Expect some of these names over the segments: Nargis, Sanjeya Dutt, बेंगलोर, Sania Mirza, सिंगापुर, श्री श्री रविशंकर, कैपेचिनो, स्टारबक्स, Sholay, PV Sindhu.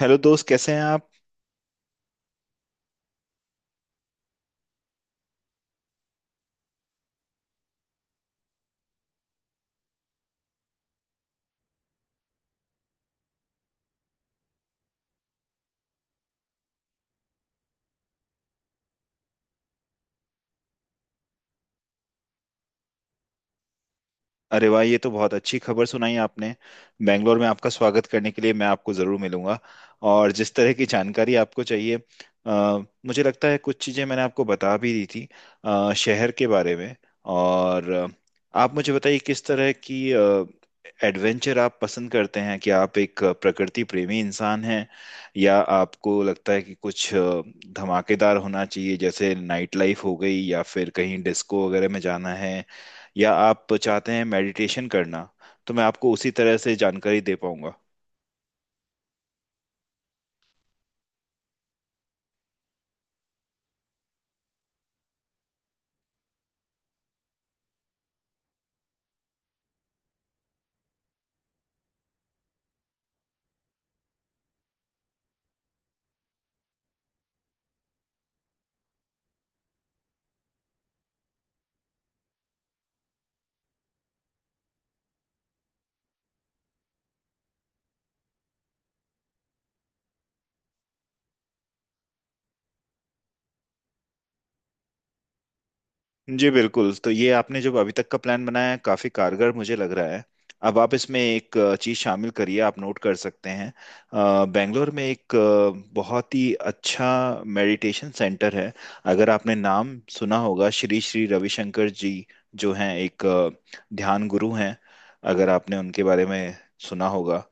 Hello दोस्त, कैसे हैं आप? अरे वाह, ये तो बहुत अच्छी खबर सुनाई आपने। बेंगलोर में आपका स्वागत करने के लिए मैं आपको ज़रूर मिलूंगा। और जिस तरह की जानकारी आपको चाहिए, मुझे लगता है कुछ चीज़ें मैंने आपको बता भी दी थी, शहर के बारे में। और आप मुझे बताइए किस तरह की एडवेंचर आप पसंद करते हैं, कि आप एक प्रकृति प्रेमी इंसान हैं, या आपको लगता है कि कुछ धमाकेदार होना चाहिए, जैसे नाइट लाइफ हो गई, या फिर कहीं डिस्को वगैरह में जाना है, या आप चाहते हैं मेडिटेशन करना। तो मैं आपको उसी तरह से जानकारी दे पाऊंगा। जी बिल्कुल। तो ये आपने जो अभी तक का प्लान बनाया है, काफी कारगर मुझे लग रहा है। अब आप इसमें एक चीज शामिल करिए, आप नोट कर सकते हैं। बेंगलोर में एक बहुत ही अच्छा मेडिटेशन सेंटर है। अगर आपने नाम सुना होगा श्री श्री रविशंकर जी, जो हैं एक ध्यान गुरु हैं, अगर आपने उनके बारे में सुना होगा।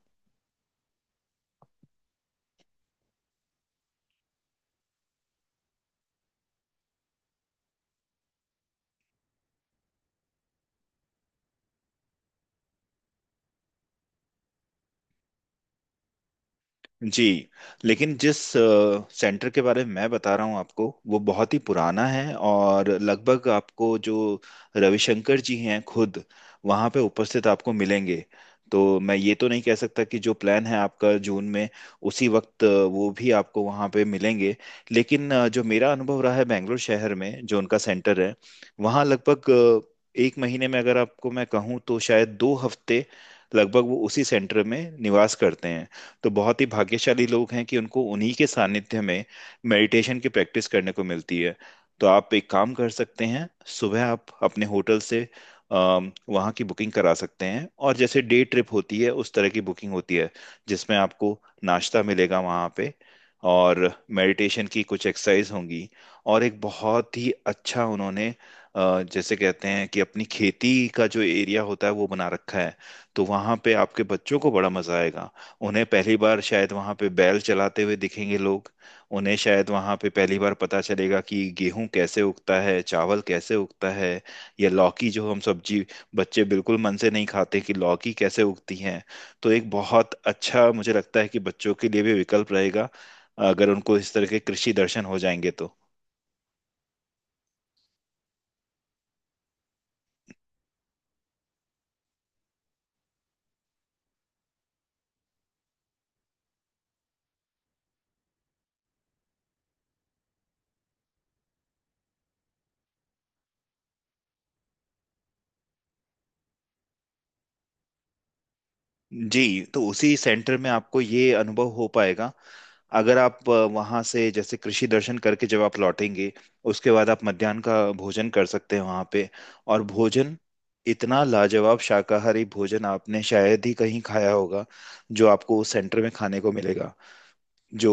जी। लेकिन जिस सेंटर के बारे में मैं बता रहा हूँ आपको, वो बहुत ही पुराना है। और लगभग आपको जो रविशंकर जी हैं खुद, वहाँ पे उपस्थित आपको मिलेंगे। तो मैं ये तो नहीं कह सकता कि जो प्लान है आपका जून में, उसी वक्त वो भी आपको वहाँ पे मिलेंगे। लेकिन जो मेरा अनुभव रहा है बेंगलोर शहर में, जो उनका सेंटर है, वहाँ लगभग एक महीने में अगर आपको मैं कहूँ तो शायद 2 हफ्ते लगभग वो उसी सेंटर में निवास करते हैं। तो बहुत ही भाग्यशाली लोग हैं कि उनको उन्हीं के सानिध्य में मेडिटेशन की प्रैक्टिस करने को मिलती है। तो आप एक काम कर सकते हैं, सुबह आप अपने होटल से वहाँ की बुकिंग करा सकते हैं। और जैसे डे ट्रिप होती है, उस तरह की बुकिंग होती है जिसमें आपको नाश्ता मिलेगा वहाँ पे, और मेडिटेशन की कुछ एक्सरसाइज होंगी। और एक बहुत ही अच्छा उन्होंने, जैसे कहते हैं कि अपनी खेती का जो एरिया होता है, वो बना रखा है। तो वहाँ पे आपके बच्चों को बड़ा मजा आएगा। उन्हें पहली बार शायद वहां पे बैल चलाते हुए दिखेंगे लोग। उन्हें शायद वहां पे पहली बार पता चलेगा कि गेहूं कैसे उगता है, चावल कैसे उगता है, या लौकी, जो हम सब्जी, बच्चे बिल्कुल मन से नहीं खाते, कि लौकी कैसे उगती है। तो एक बहुत अच्छा मुझे लगता है कि बच्चों के लिए भी विकल्प रहेगा, अगर उनको इस तरह के कृषि दर्शन हो जाएंगे तो। जी। तो उसी सेंटर में आपको ये अनुभव हो पाएगा। अगर आप वहां से जैसे कृषि दर्शन करके जब आप लौटेंगे, उसके बाद आप मध्याह्न का भोजन कर सकते हैं वहां पे। और भोजन, इतना लाजवाब शाकाहारी भोजन आपने शायद ही कहीं खाया होगा, जो आपको उस सेंटर में खाने को मिलेगा। जो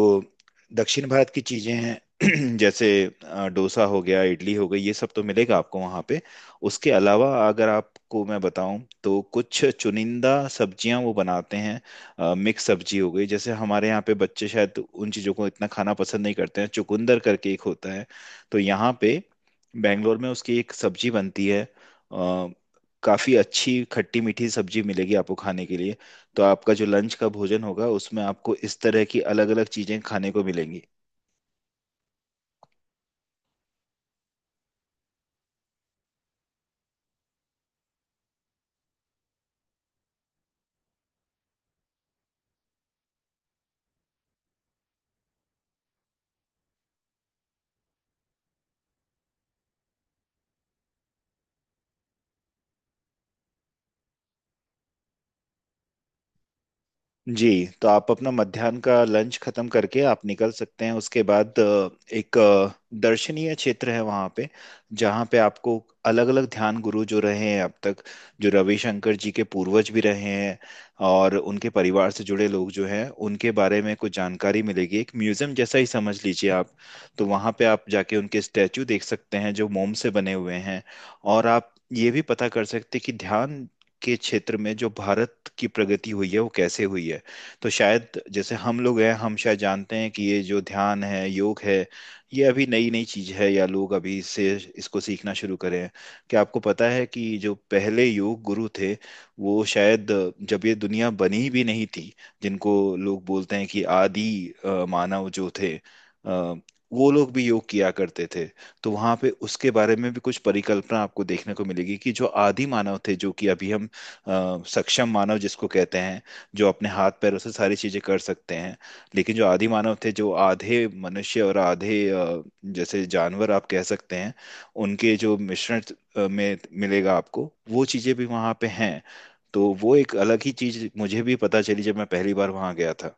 दक्षिण भारत की चीजें हैं, जैसे डोसा हो गया, इडली हो गई, ये सब तो मिलेगा आपको वहाँ पे। उसके अलावा अगर आपको मैं बताऊं, तो कुछ चुनिंदा सब्जियां वो बनाते हैं। मिक्स सब्जी हो गई। जैसे हमारे यहाँ पे बच्चे शायद उन चीज़ों को इतना खाना पसंद नहीं करते हैं, चुकंदर करके एक होता है, तो यहाँ पे बैंगलोर में उसकी एक सब्जी बनती है। अ, काफी अच्छी खट्टी मीठी सब्जी मिलेगी आपको खाने के लिए। तो आपका जो लंच का भोजन होगा, उसमें आपको इस तरह की अलग अलग चीजें खाने को मिलेंगी। जी। तो आप अपना मध्याह्न का लंच खत्म करके आप निकल सकते हैं। उसके बाद एक दर्शनीय क्षेत्र है वहाँ पे, जहाँ पे आपको अलग अलग ध्यान गुरु जो रहे हैं अब तक, जो रविशंकर जी के पूर्वज भी रहे हैं, और उनके परिवार से जुड़े लोग जो हैं, उनके बारे में कुछ जानकारी मिलेगी, एक म्यूजियम जैसा ही समझ लीजिए आप। तो वहाँ पे आप जाके उनके स्टैचू देख सकते हैं जो मोम से बने हुए हैं। और आप ये भी पता कर सकते हैं कि ध्यान के क्षेत्र में जो भारत की प्रगति हुई है, वो कैसे हुई है। तो शायद जैसे हम लोग हैं, हम शायद जानते हैं कि ये जो ध्यान है, योग है, ये अभी नई नई चीज है, या लोग अभी इससे इसको सीखना शुरू करे हैं। क्या आपको पता है कि जो पहले योग गुरु थे, वो शायद जब ये दुनिया बनी भी नहीं थी, जिनको लोग बोलते हैं कि आदि मानव जो थे, वो लोग भी योग किया करते थे। तो वहां पे उसके बारे में भी कुछ परिकल्पना आपको देखने को मिलेगी कि जो आदि मानव थे, जो कि अभी हम सक्षम मानव जिसको कहते हैं, जो अपने हाथ पैरों से सारी चीजें कर सकते हैं। लेकिन जो आदि मानव थे, जो आधे मनुष्य और आधे जैसे जानवर आप कह सकते हैं, उनके जो मिश्रण में मिलेगा आपको, वो चीजें भी वहां पे हैं। तो वो एक अलग ही चीज मुझे भी पता चली जब मैं पहली बार वहां गया था।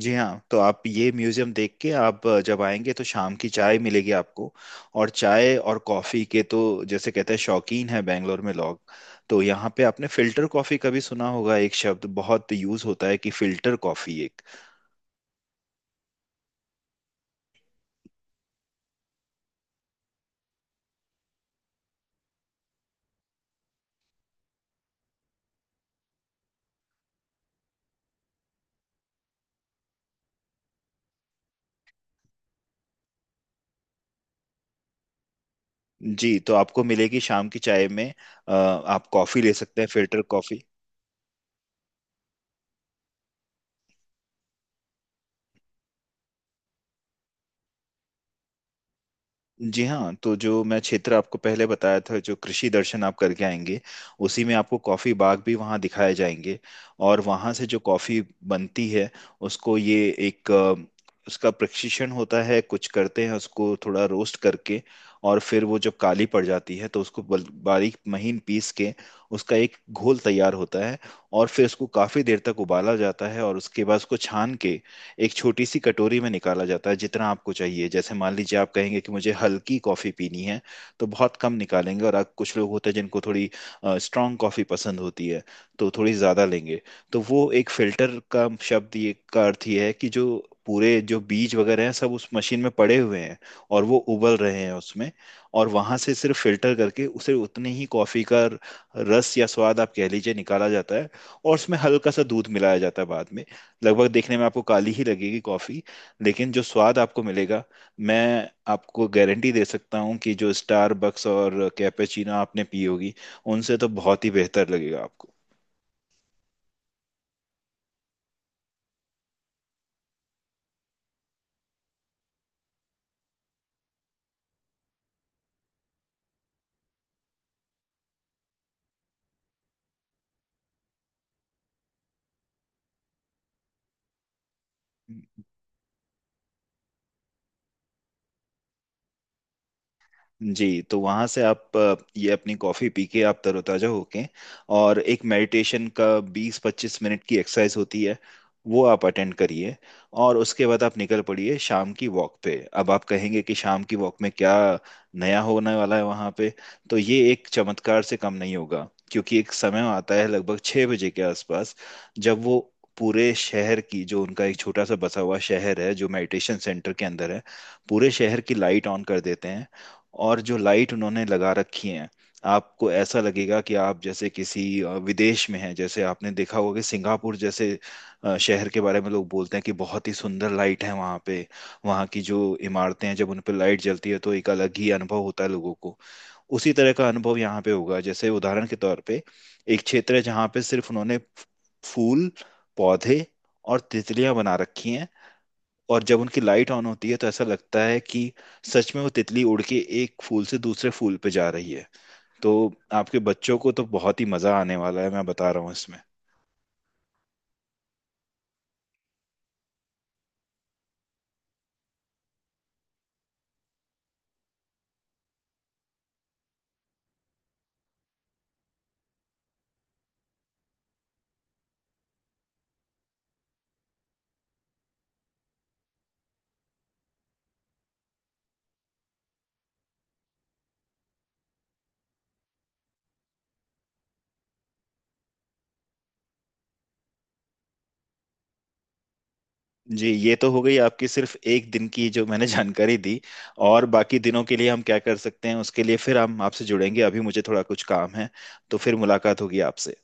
जी हाँ। तो आप ये म्यूजियम देख के आप जब आएंगे, तो शाम की चाय मिलेगी आपको। और चाय और कॉफ़ी के तो, जैसे कहते हैं, शौकीन है बेंगलोर में लोग। तो यहाँ पे आपने फिल्टर कॉफ़ी का भी सुना होगा, एक शब्द बहुत यूज़ होता है कि फिल्टर कॉफ़ी एक। जी। तो आपको मिलेगी शाम की चाय में, आप कॉफ़ी ले सकते हैं, फिल्टर कॉफ़ी। जी हाँ। तो जो मैं क्षेत्र आपको पहले बताया था, जो कृषि दर्शन आप करके आएंगे, उसी में आपको कॉफ़ी बाग भी वहाँ दिखाए जाएंगे। और वहाँ से जो कॉफ़ी बनती है, उसको ये एक उसका प्रशिक्षण होता है, कुछ करते हैं उसको थोड़ा रोस्ट करके। और फिर वो जब काली पड़ जाती है, तो उसको बारीक महीन पीस के उसका एक घोल तैयार होता है। और फिर उसको काफ़ी देर तक उबाला जाता है, और उसके बाद उसको छान के एक छोटी सी कटोरी में निकाला जाता है, जितना आपको चाहिए। जैसे मान लीजिए आप कहेंगे कि मुझे हल्की कॉफ़ी पीनी है, तो बहुत कम निकालेंगे। और कुछ लोग होते हैं जिनको थोड़ी स्ट्रांग कॉफ़ी पसंद होती है, तो थोड़ी ज़्यादा लेंगे। तो वो एक फिल्टर का शब्द, ये का अर्थ ये है कि जो पूरे जो बीज वगैरह हैं, सब उस मशीन में पड़े हुए हैं, और वो उबल रहे हैं उसमें, और वहां से सिर्फ फिल्टर करके उसे उतनी ही कॉफी का रस या स्वाद आप कह लीजिए निकाला जाता है। और उसमें हल्का सा दूध मिलाया जाता है बाद में। लगभग देखने में आपको काली ही लगेगी कॉफी, लेकिन जो स्वाद आपको मिलेगा, मैं आपको गारंटी दे सकता हूँ कि जो स्टारबक्स और कैपेचिनो आपने पी होगी, उनसे तो बहुत ही बेहतर लगेगा आपको। जी। तो वहाँ से आप ये अपनी कॉफ़ी पी के आप तरोताज़ा होके, और एक मेडिटेशन का 20-25 मिनट की एक्सरसाइज होती है, वो आप अटेंड करिए। और उसके बाद आप निकल पड़िए शाम की वॉक पे। अब आप कहेंगे कि शाम की वॉक में क्या नया होने वाला है वहाँ पे। तो ये एक चमत्कार से कम नहीं होगा, क्योंकि एक समय आता है लगभग 6 बजे के आसपास, जब वो पूरे शहर की, जो उनका एक छोटा सा बसा हुआ शहर है जो मेडिटेशन सेंटर के अंदर है, पूरे शहर की लाइट ऑन कर देते हैं। और जो लाइट उन्होंने लगा रखी है, आपको ऐसा लगेगा कि आप जैसे किसी विदेश में हैं। जैसे आपने देखा होगा कि सिंगापुर जैसे शहर के बारे में लोग बोलते हैं कि बहुत ही सुंदर लाइट है वहाँ पे, वहाँ की जो इमारतें हैं, जब उन पर लाइट जलती है, तो एक अलग ही अनुभव होता है लोगों को। उसी तरह का अनुभव यहाँ पे होगा। जैसे उदाहरण के तौर पे, एक क्षेत्र है जहाँ पे सिर्फ उन्होंने फूल, पौधे और तितलियां बना रखी हैं। और जब उनकी लाइट ऑन होती है, तो ऐसा लगता है कि सच में वो तितली उड़ के एक फूल से दूसरे फूल पे जा रही है। तो आपके बच्चों को तो बहुत ही मजा आने वाला है, मैं बता रहा हूँ, इसमें। जी ये तो हो गई आपकी सिर्फ एक दिन की जो मैंने जानकारी दी। और बाकी दिनों के लिए हम क्या कर सकते हैं, उसके लिए फिर हम आपसे जुड़ेंगे। अभी मुझे थोड़ा कुछ काम है, तो फिर मुलाकात होगी आपसे।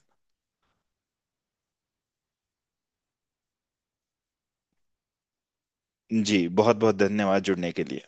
जी बहुत बहुत धन्यवाद जुड़ने के लिए।